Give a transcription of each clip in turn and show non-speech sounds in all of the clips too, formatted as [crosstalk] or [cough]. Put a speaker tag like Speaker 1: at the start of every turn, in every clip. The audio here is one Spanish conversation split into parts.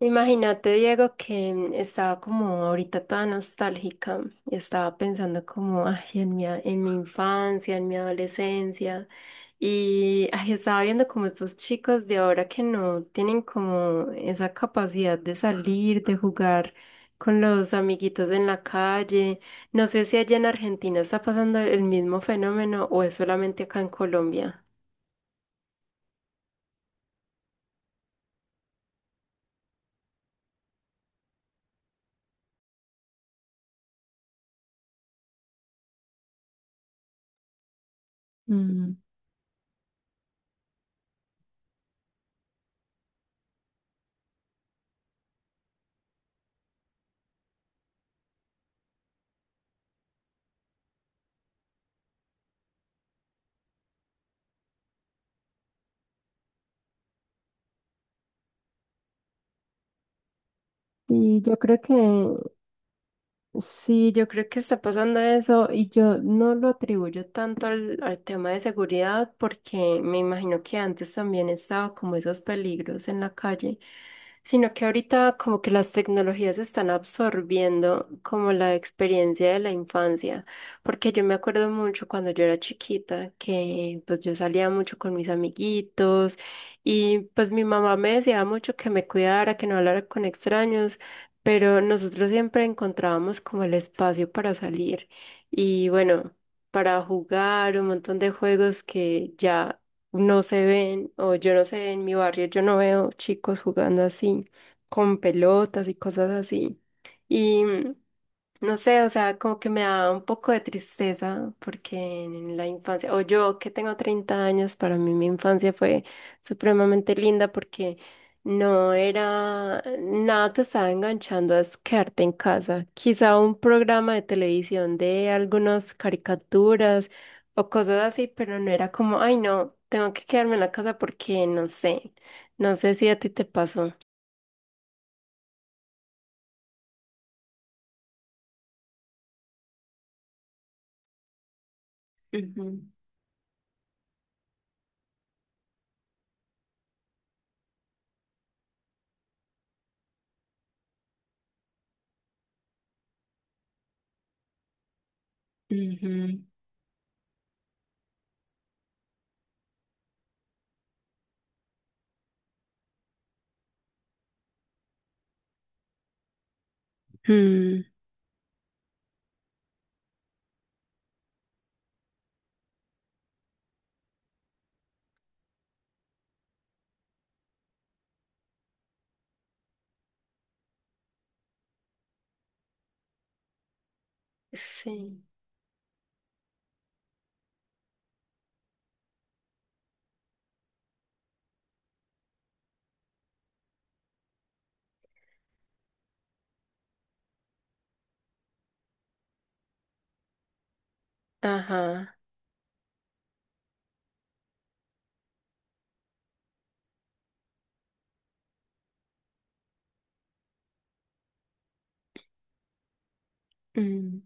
Speaker 1: Imagínate, Diego, que estaba como ahorita toda nostálgica y estaba pensando como ay, en en mi infancia, en mi adolescencia y ay, estaba viendo como estos chicos de ahora que no tienen como esa capacidad de salir, de jugar con los amiguitos en la calle. No sé si allá en Argentina está pasando el mismo fenómeno o es solamente acá en Colombia. Mm, Sí, yo creo que Sí, yo creo que está pasando eso y yo no lo atribuyo tanto al tema de seguridad porque me imagino que antes también estaba como esos peligros en la calle, sino que ahorita como que las tecnologías están absorbiendo como la experiencia de la infancia, porque yo me acuerdo mucho cuando yo era chiquita que pues yo salía mucho con mis amiguitos y pues mi mamá me decía mucho que me cuidara, que no hablara con extraños pero nosotros siempre encontrábamos como el espacio para salir y bueno, para jugar un montón de juegos que ya no se ven o yo no sé, en mi barrio yo no veo chicos jugando así, con pelotas y cosas así. Y no sé, o sea, como que me da un poco de tristeza porque en la infancia, o yo que tengo 30 años, para mí mi infancia fue supremamente linda porque no era, nada te estaba enganchando a es quedarte en casa. Quizá un programa de televisión de algunas caricaturas o cosas así, pero no era como, ay no, tengo que quedarme en la casa porque no sé, no sé si a ti te pasó. Ujú, ujú. Mm, sí, ajá. Mm.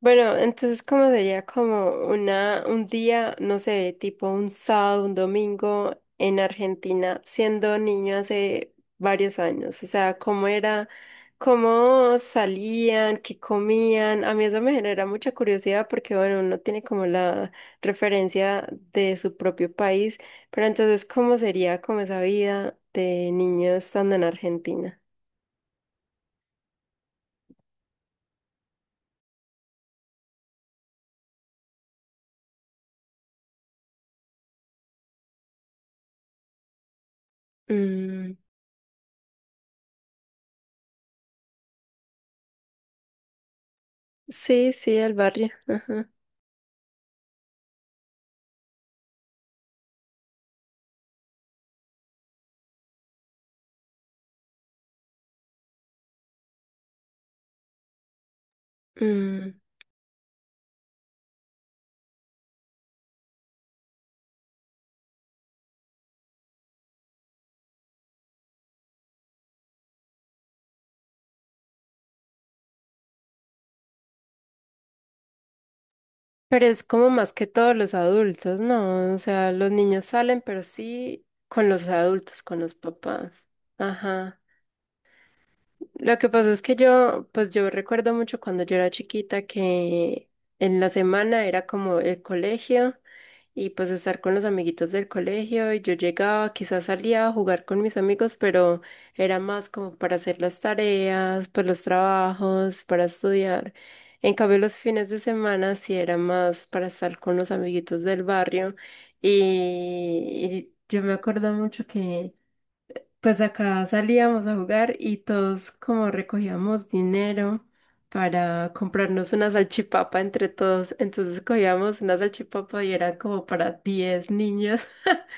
Speaker 1: Bueno, entonces como sería como una, un día, no sé, tipo un sábado, un domingo en Argentina, siendo niño hace varios años. O sea, cómo era, cómo salían, qué comían. A mí eso me genera mucha curiosidad porque, bueno, uno tiene como la referencia de su propio país, pero entonces, ¿cómo sería como esa vida de niño estando en Argentina? Mm, sí, sí, el barrio. Ajá. Mm. Pero es como más que todos los adultos, ¿no? O sea, los niños salen, pero sí con los adultos, con los papás. Ajá. Lo que pasa es que yo, pues yo recuerdo mucho cuando yo era chiquita que en la semana era como el colegio y pues estar con los amiguitos del colegio y yo llegaba, quizás salía a jugar con mis amigos, pero era más como para hacer las tareas, pues los trabajos, para estudiar. En cambio, los fines de semana sí era más para estar con los amiguitos del barrio y yo me acuerdo mucho que... Pues acá salíamos a jugar y todos como recogíamos dinero para comprarnos una salchipapa entre todos. Entonces cogíamos una salchipapa y era como para 10 niños. [laughs]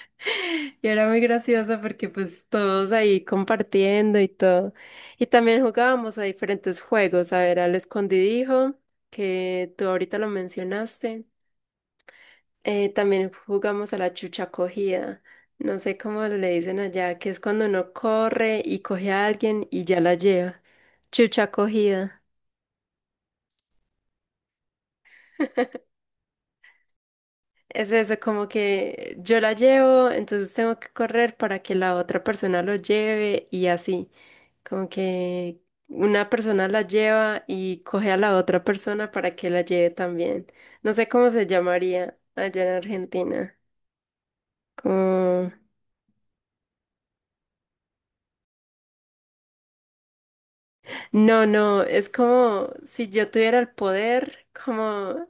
Speaker 1: Y era muy gracioso porque pues todos ahí compartiendo y todo. Y también jugábamos a diferentes juegos, a ver, al escondidijo, que tú ahorita lo mencionaste. También jugamos a la chucha cogida. No sé cómo le dicen allá, que es cuando uno corre y coge a alguien y ya la lleva. Chucha cogida. [laughs] Es eso, como que yo la llevo, entonces tengo que correr para que la otra persona lo lleve y así. Como que una persona la lleva y coge a la otra persona para que la lleve también. No sé cómo se llamaría allá en Argentina. Como no, no, es como si yo tuviera el poder, como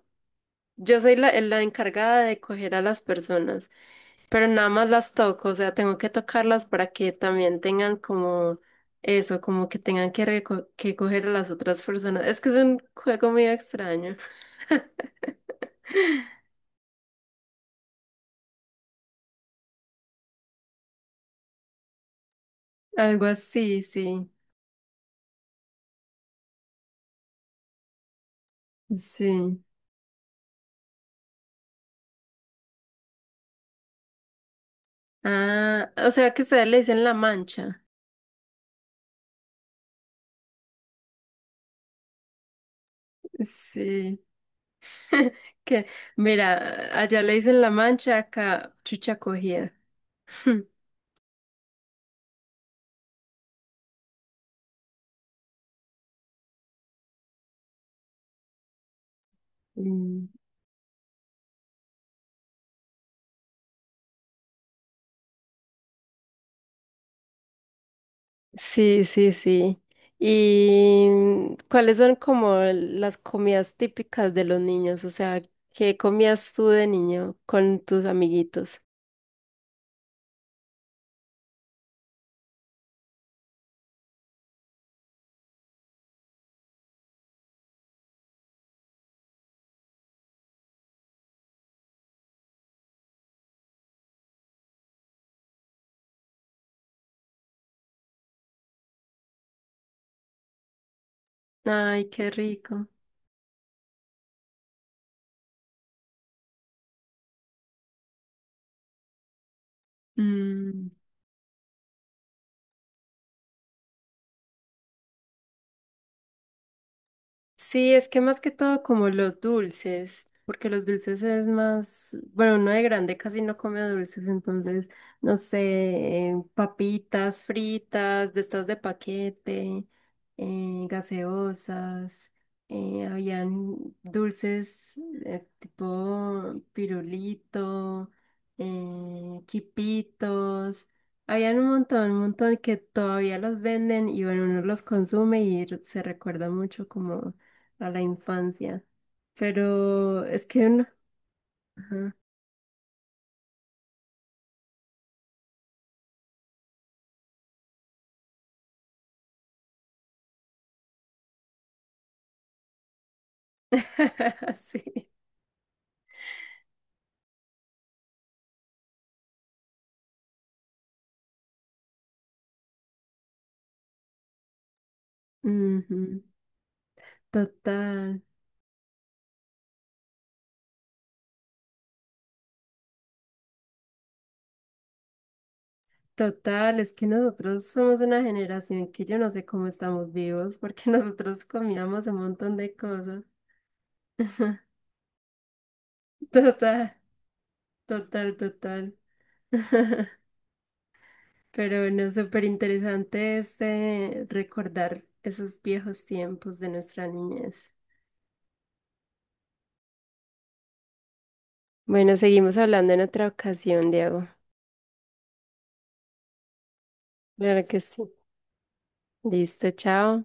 Speaker 1: yo soy la encargada de coger a las personas, pero nada más las toco, o sea, tengo que tocarlas para que también tengan como eso, como que tengan que, que coger a las otras personas. Es que es un juego muy extraño. [laughs] Algo así, sí, sí. Ah, o sea que ustedes le dicen la mancha. Sí. [laughs] Que, mira, allá le dicen la mancha, acá chucha cogida. [laughs] Mm, Sí, sí, sí. ¿Y cuáles son como las comidas típicas de los niños? O sea, ¿qué comías tú de niño con tus amiguitos? Ay, qué rico. Sí, es que más que todo como los dulces, porque los dulces es más, bueno, uno de grande casi no come dulces, entonces, no sé, papitas fritas, de estas de paquete, gaseosas, habían dulces tipo pirulito, quipitos. Habían un montón que todavía los venden y bueno, uno los consume y se recuerda mucho como a la infancia. Pero es que no. Ajá. [laughs] Sí. Ujú. Total, total. Es que nosotros somos una generación que yo no sé cómo estamos vivos porque [laughs] nosotros comíamos un montón de cosas. [laughs] Total, total, total. [laughs] Pero no, súper interesante este recordar esos viejos tiempos de nuestra niñez. Bueno, seguimos hablando en otra ocasión, Diego. Claro que sí. Listo, chao.